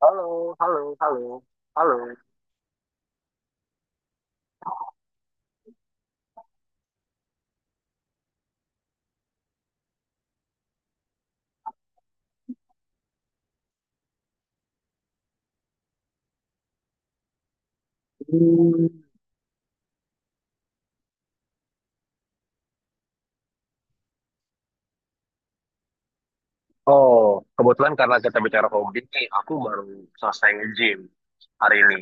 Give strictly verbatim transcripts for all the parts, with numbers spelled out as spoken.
Halo, halo, halo, halo. Hmm. Oh, kebetulan karena kita bicara hobi nih, aku baru selesai nge-gym hari ini.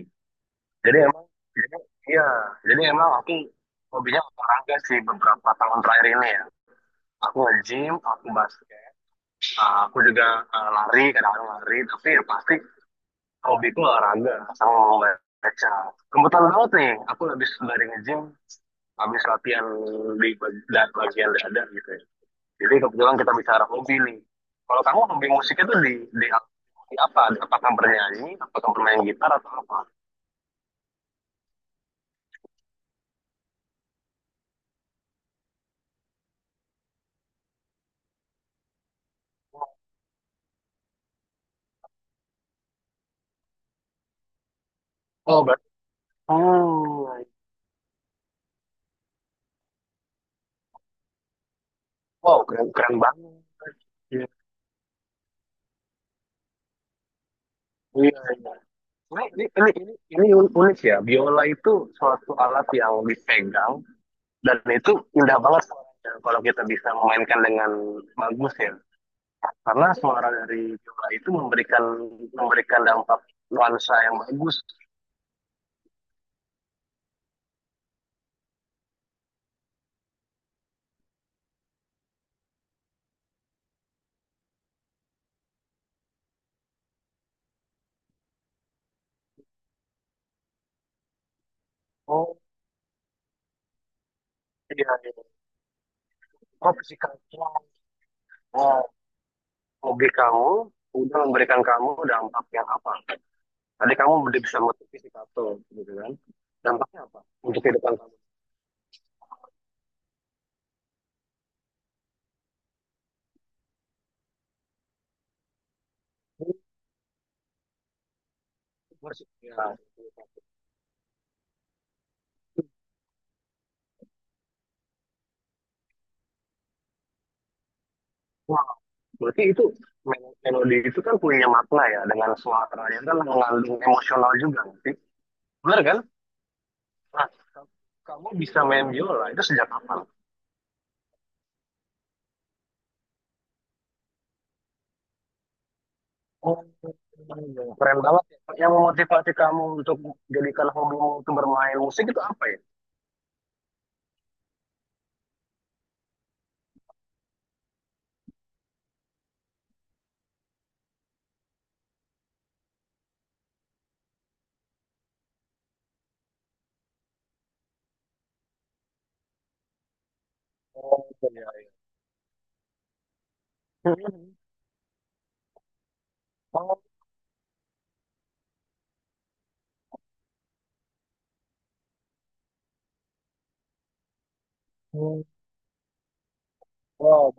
Jadi emang, jadi, iya, jadi emang aku hobinya olahraga sih beberapa tahun terakhir ini ya. Aku nge-gym, aku basket, uh, aku juga uh, lari, kadang-kadang lari, tapi yang pasti hobiku olahraga sama membaca. Kebetulan banget nih, aku habis dari nge-gym, habis latihan di bag- dan bagian dada gitu ya. Jadi kebetulan kita bicara hobi nih. Kalau kamu hobi musiknya tuh di di, di apa? Apakah bernyanyi, apakah bermain gitar atau apa? Oh, berarti. Oh, wow, keren, keren banget. Iya, iya. Iya. Ini, ini, ini, ini, ini un- unik ya. Biola itu suatu alat yang dipegang dan itu indah banget suaranya kalau kita bisa memainkan dengan bagus ya. Karena suara dari biola itu memberikan memberikan dampak nuansa yang bagus. Oh, iya, iya. Oh, fisikal. Nah, hobi kamu udah memberikan kamu dampak yang apa? Tadi kamu udah bisa motivasi si gitu kan? Dampaknya apa untuk kehidupan kamu? Musik, ya. Wah, berarti itu men- melodi itu kan punya makna ya dengan suaranya kan mengandung emosional juga nggak sih? Benar kan? Nah, ka- kamu bisa main biola itu sejak kapan? Oh, keren banget ya. Yang memotivasi kamu untuk jadikan hobimu itu bermain musik itu apa ya? Oh, iya, iya. Hmm. Oh, wow,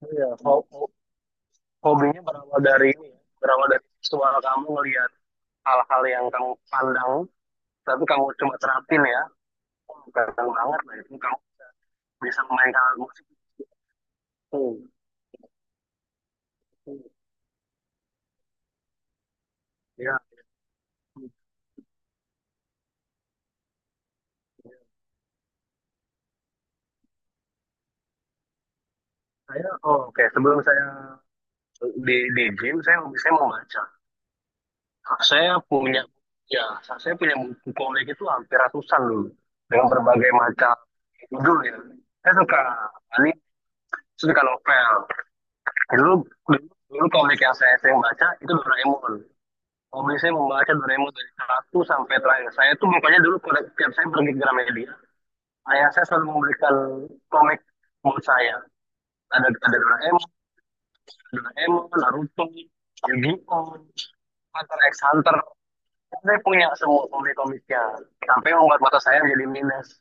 betul ya. Ho- ho- Hobinya berawal dari ini ya. Berawal dari visual kamu ngelihat hal-hal yang kamu pandang, tapi kamu cuma terapin ya. Bukan banget lah itu. Kamu bisa memainkan alat musik itu. Ya. Saya, oh, oke. Sebelum saya di, di gym, saya, saya mau baca. Saya punya, ya, saya punya buku komik itu hampir ratusan dulu. Dengan berbagai macam judul ya. Saya suka, ini, saya suka novel. Dulu, dulu, dulu komik yang saya sering baca itu Doraemon. Hobi saya membaca Doraemon dari satu sampai terakhir. Saya tuh makanya dulu pada tiap saya pergi ke Gramedia, ayah saya selalu memberikan komik buat saya. Ada ada Doraemon, Doraemon, Naruto, Yu-Gi-Oh, Hunter x Hunter. Saya punya semua komik-komiknya. Sampai membuat mata saya jadi minus.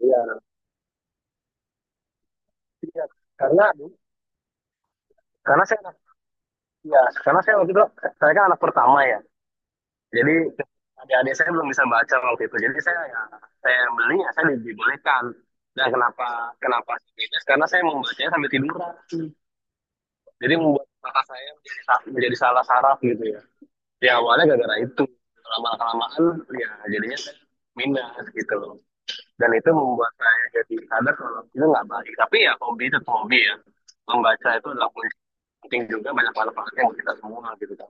Iya. Iya. Karena karena saya, ya, karena saya waktu itu, saya kan anak pertama ya. Jadi adik-adik saya belum bisa baca waktu itu. Jadi saya, ya, saya beli, ya, saya dibolehkan. Dan kenapa kenapa sih bebas? Karena saya membacanya sambil tiduran. Jadi membuat mata saya menjadi, menjadi salah saraf gitu ya. Ya, awalnya gara-gara itu. Lama-kelamaan ya jadinya saya minus gitu loh. Dan itu membuat saya jadi sadar kalau itu nggak baik. Tapi ya hobi itu hobi ya. Membaca itu adalah penting juga, banyak manfaatnya buat kita semua gitu kan.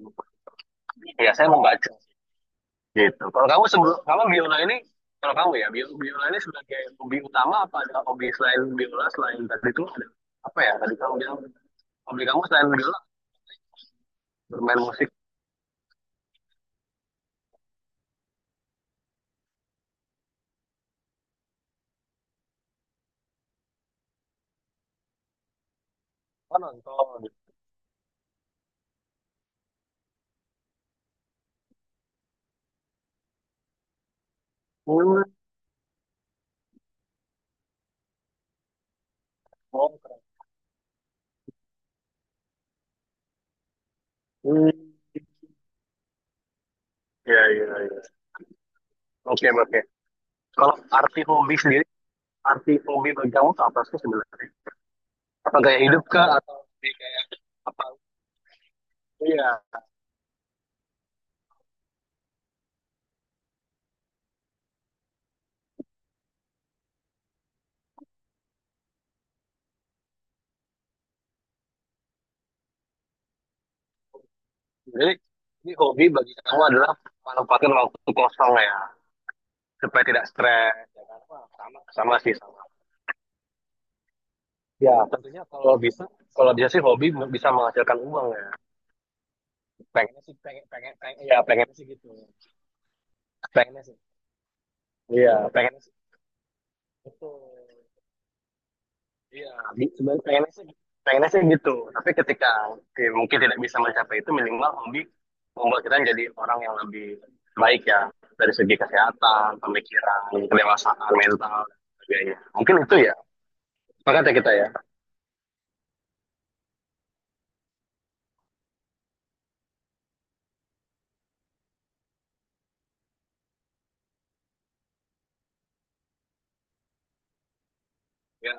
Ya, saya membaca gitu. Kalau kamu sebelum, kalau biola ini, kalau kamu ya, bio- biola ini sebagai hobi utama, apa ada hobi selain biola, selain tadi itu ada apa ya, tadi kamu bilang hobi kamu selain biola bermain musik, apa nonton? Hmm. Oh, keren. Hmm. Ya, ya, ya. Oke, oke. Kalau arti hobi sendiri arti hobi bagi kamu itu apa sih sebenarnya? Apa gaya hidup kah, atau lebih kayak apa? Iya, jadi ini hobi bagi kamu adalah manfaatkan waktu kosong ya, supaya tidak stres. Sama sih. Ya, tentunya kalau bisa, kalau bisa sih hobi m- bisa menghasilkan uang ya. Pengennya sih, pengen, pengen, pengen, ya pengen sih gitu. Pengennya sih. Iya. Pengen sih. Iya. Di- sebenarnya pengennya sih, pengennya sih gitu. Tapi ketika oke, mungkin tidak bisa mencapai itu, minimal hobi membuat kita jadi orang yang lebih baik ya. Dari segi kesehatan, pemikiran, kedewasaan mental, dan sebagainya. Mungkin itu ya. Sepakat ya kita ya. Ya,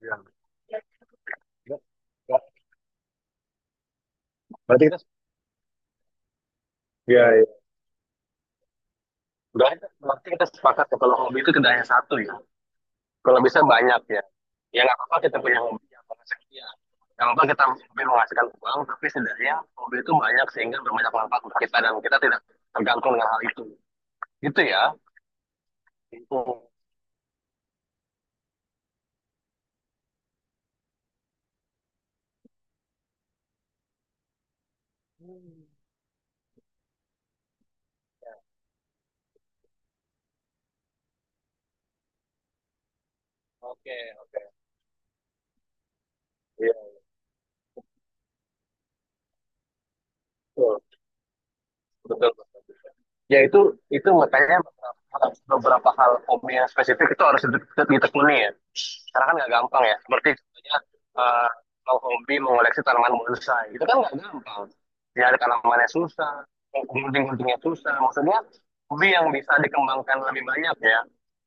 ya, iya. Berarti kita, Ya, ya. Berarti kita sepakat ya kalau hobi itu tidak hanya satu ya. Kalau bisa banyak ya. Ya nggak apa-apa kita punya hobi yang sekian. Nggak apa-apa kita mungkin menghasilkan uang, tapi setidaknya hobi itu banyak sehingga berbanyak manfaat untuk kita dan kita tidak tergantung dengan hal itu. Gitu ya. Itu. Iya, betul. Betul. Ya, itu itu makanya beberapa, beberapa hal hobi yang spesifik itu harus dite- ditekuni ya, karena kan nggak gampang ya, seperti contohnya, eh, kalau hobi mengoleksi tanaman bonsai itu kan nggak gampang ya, ada tanamannya susah, gunting-guntingnya susah, maksudnya hobi yang bisa dikembangkan lebih banyak ya,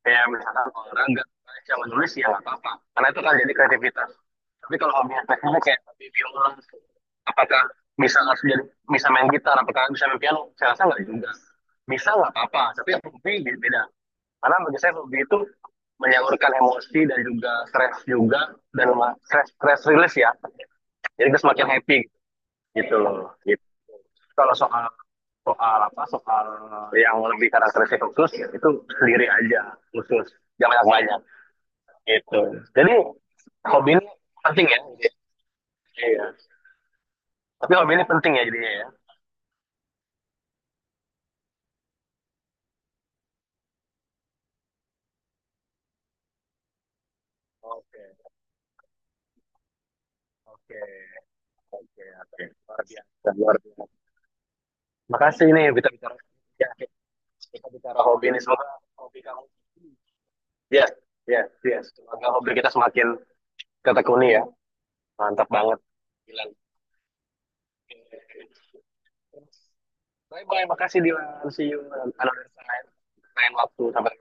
kayak misalkan olahraga, baca, menulis, ya nggak apa-apa karena itu kan jadi kreativitas. Tapi kalau hobi yang teknisnya kayak hobi biola, apakah bisa ngasih jadi bisa main gitar, apakah bisa main piano? Saya rasa nggak juga. Bisa nggak apa-apa, tapi yang hobi beda. Karena bagi saya hobi itu menyalurkan emosi dan juga stres juga, dan ma- stress stress release ya. Jadi kita semakin happy gitu loh. Gitu. Kalau soal soal apa soal yang lebih karakteristik khusus ya, itu sendiri aja khusus, jangan banyak banyak gitu. Jadi hobi ini penting ya. Iya. Tapi hobi ini penting ya jadinya ya. Oke, oke, oke. Luar biasa, luar biasa. Makasih nih kita bicara kita bicara hobi ini, semoga yes, yes, yes. Semoga hobi kita semakin ketekuni ya. Mantap banget. Dilan. Bye bye, makasih Dilan. See you another time. Lain waktu sampai